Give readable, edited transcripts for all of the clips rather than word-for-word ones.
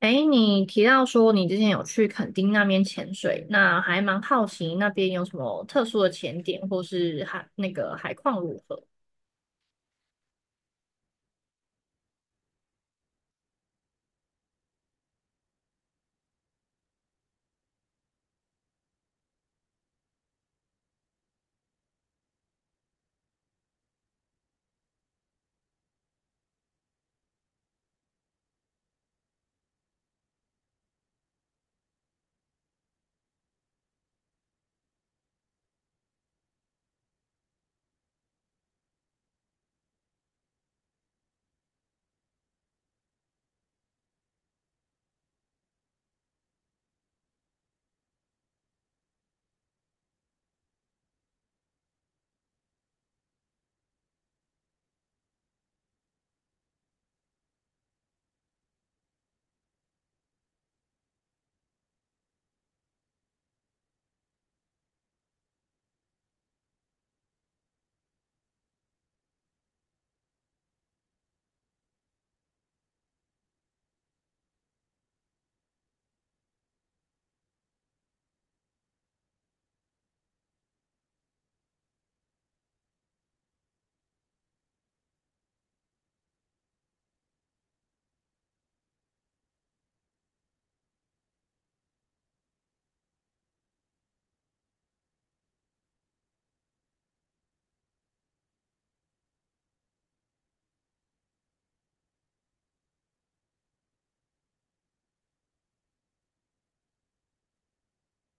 诶，你提到说你之前有去垦丁那边潜水，那还蛮好奇那边有什么特殊的潜点，或是海那个海况如何？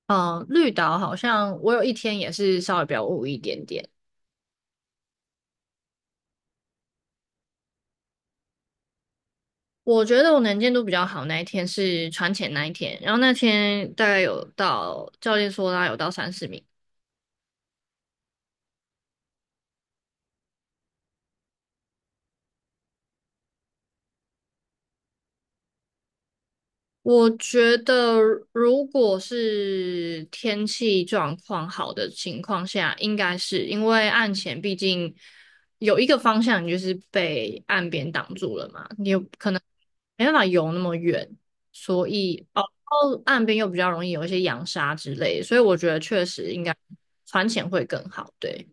嗯，绿岛好像我有一天也是稍微比较雾一点点。我觉得我能见度比较好那一天是船潜那一天，然后那天大概有到教练说大概有到30米，我觉得，如果是天气状况好的情况下，应该是因为岸前毕竟有一个方向，你就是被岸边挡住了嘛，你有可能没办法游那么远，所以哦，岸边又比较容易有一些扬沙之类的，所以我觉得确实应该船潜会更好，对。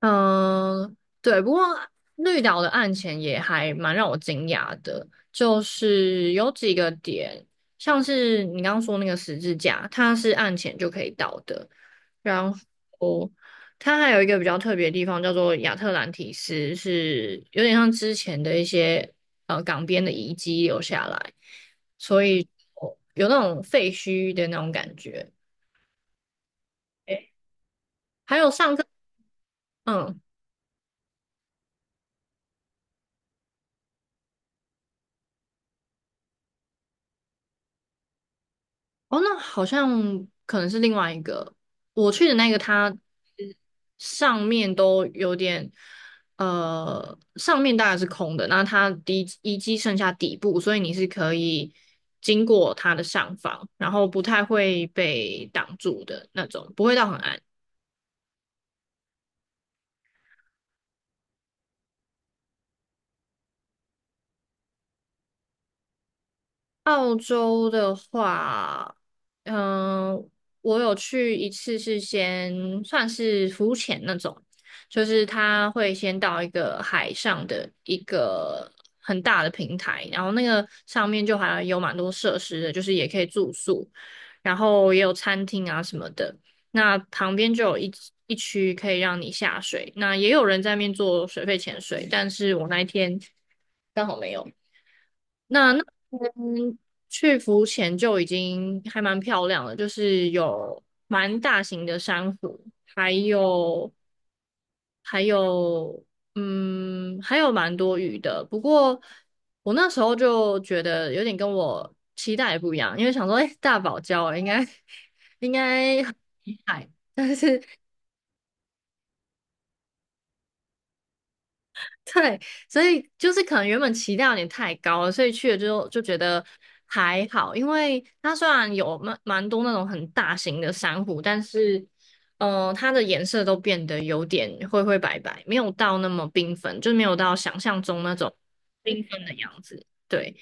嗯，对，不过绿岛的案前也还蛮让我惊讶的，就是有几个点，像是你刚刚说那个十字架，它是案前就可以到的，然后它还有一个比较特别的地方叫做亚特兰提斯，是有点像之前的一些港边的遗迹留下来，所以有那种废墟的那种感觉，诶还有上课。嗯。哦，那好像可能是另外一个。我去的那个，它上面都有点，上面大概是空的，那它底遗迹剩下底部，所以你是可以经过它的上方，然后不太会被挡住的那种，不会到很暗。澳洲的话，嗯、我有去一次，是先算是浮潜那种，就是他会先到一个海上的一个很大的平台，然后那个上面就好像有蛮多设施的，就是也可以住宿，然后也有餐厅啊什么的。那旁边就有一区可以让你下水，那也有人在那边做水肺潜水，但是我那一天刚好没有。那那天去浮潜就已经还蛮漂亮了，就是有蛮大型的珊瑚，还有还有还有蛮多鱼的。不过我那时候就觉得有点跟我期待不一样，因为想说，哎、大堡礁应该 应该很厉害。对，所以就是可能原本期待有点太高了，所以去了之后就觉得还好，因为它虽然有蛮多那种很大型的珊瑚，但是它的颜色都变得有点灰灰白白，没有到那么缤纷，就没有到想象中那种缤纷的样子。对，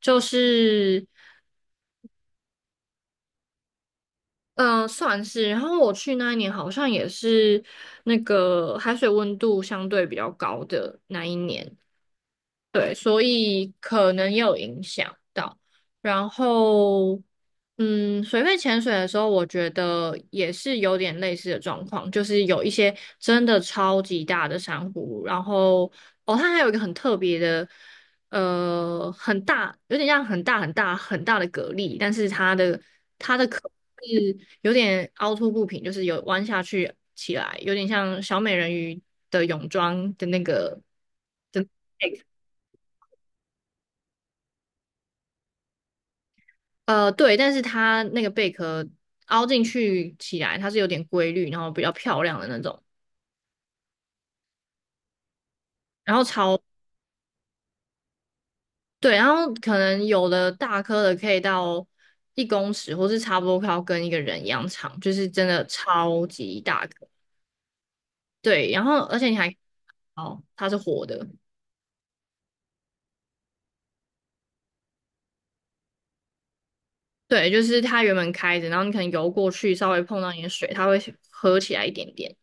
就是算是。然后我去那一年好像也是那个海水温度相对比较高的那一年。对，所以可能也有影响到。然后，水肺潜水的时候，我觉得也是有点类似的状况，就是有一些真的超级大的珊瑚，然后哦，它还有一个很特别的，很大，有点像很大很大很大的蛤蜊，但是它的壳是有点凹凸不平，就是有弯下去起来，有点像小美人鱼的泳装的那个。的。对，但是它那个贝壳凹进去起来，它是有点规律，然后比较漂亮的那种，然后超，对，然后可能有的大颗的可以到1公尺，或是差不多快要跟一个人一样长，就是真的超级大颗。对，然后而且你还哦，它是活的，对，就是它原本开着，然后你可能游过去，稍微碰到你的水，它会合起来一点点。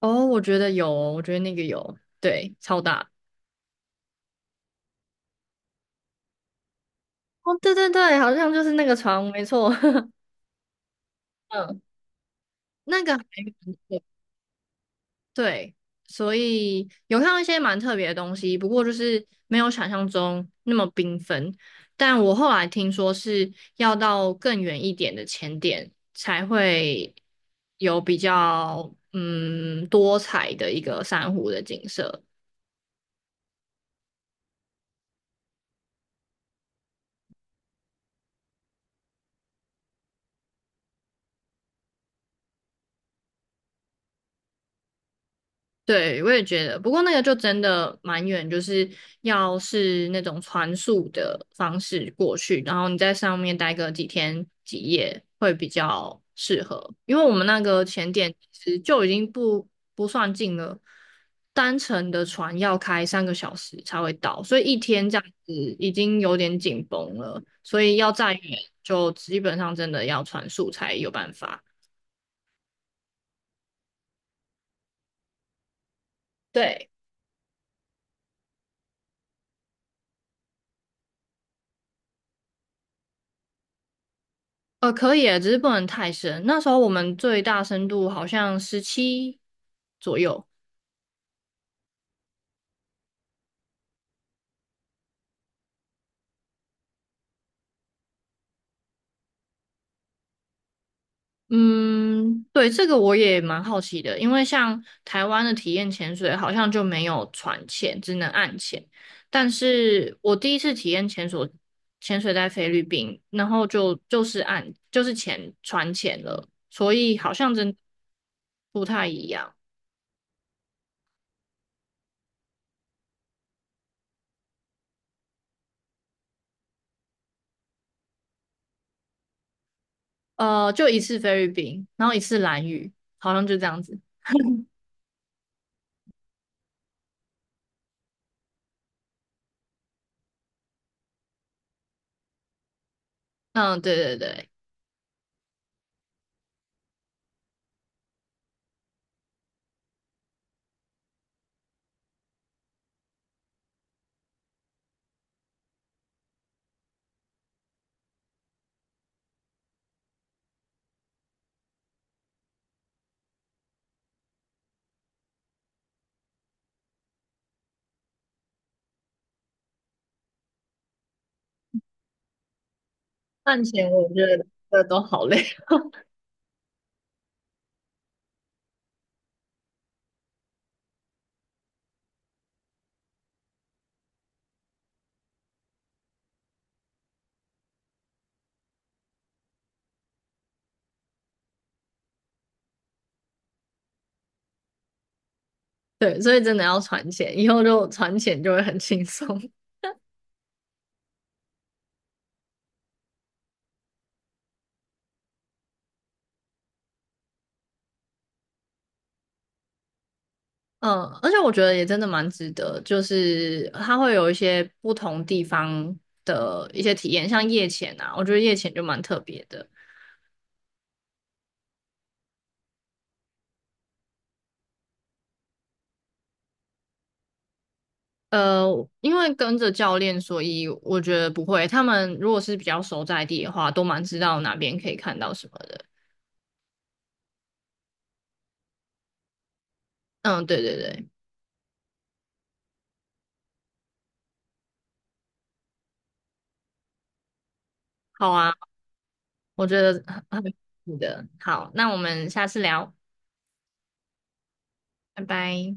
哦，我觉得有，哦我觉得那个有，对，超大。哦，对对对，好像就是那个床，没错。嗯。那个还蛮特对，所以有看到一些蛮特别的东西，不过就是没有想象中那么缤纷。但我后来听说是要到更远一点的前点才会有比较多彩的一个珊瑚的景色。对，我也觉得，不过那个就真的蛮远，就是要是那种船速的方式过去，然后你在上面待个几天几夜会比较适合，因为我们那个前点其实就已经不算近了，单程的船要开3个小时才会到，所以一天这样子已经有点紧绷了，所以要再远就基本上真的要船速才有办法。对。可以耶，只是不能太深。那时候我们最大深度好像17左右。嗯，对，这个我也蛮好奇的，因为像台湾的体验潜水好像就没有船潜，只能岸潜。但是我第一次体验潜水，潜水在菲律宾，然后就是岸，就是潜船潜了，所以好像真不太一样。就一次菲律宾，然后一次蓝屿，好像就这样子。嗯，对对对。赚钱我觉得这都好累，对，所以真的要存钱，以后就存钱就会很轻松。嗯，而且我觉得也真的蛮值得，就是它会有一些不同地方的一些体验，像夜潜啊，我觉得夜潜就蛮特别的。呃，因为跟着教练，所以我觉得不会。他们如果是比较熟在地的话，都蛮知道哪边可以看到什么的。嗯，对对对，好啊，我觉得很有趣的。好，那我们下次聊，拜拜。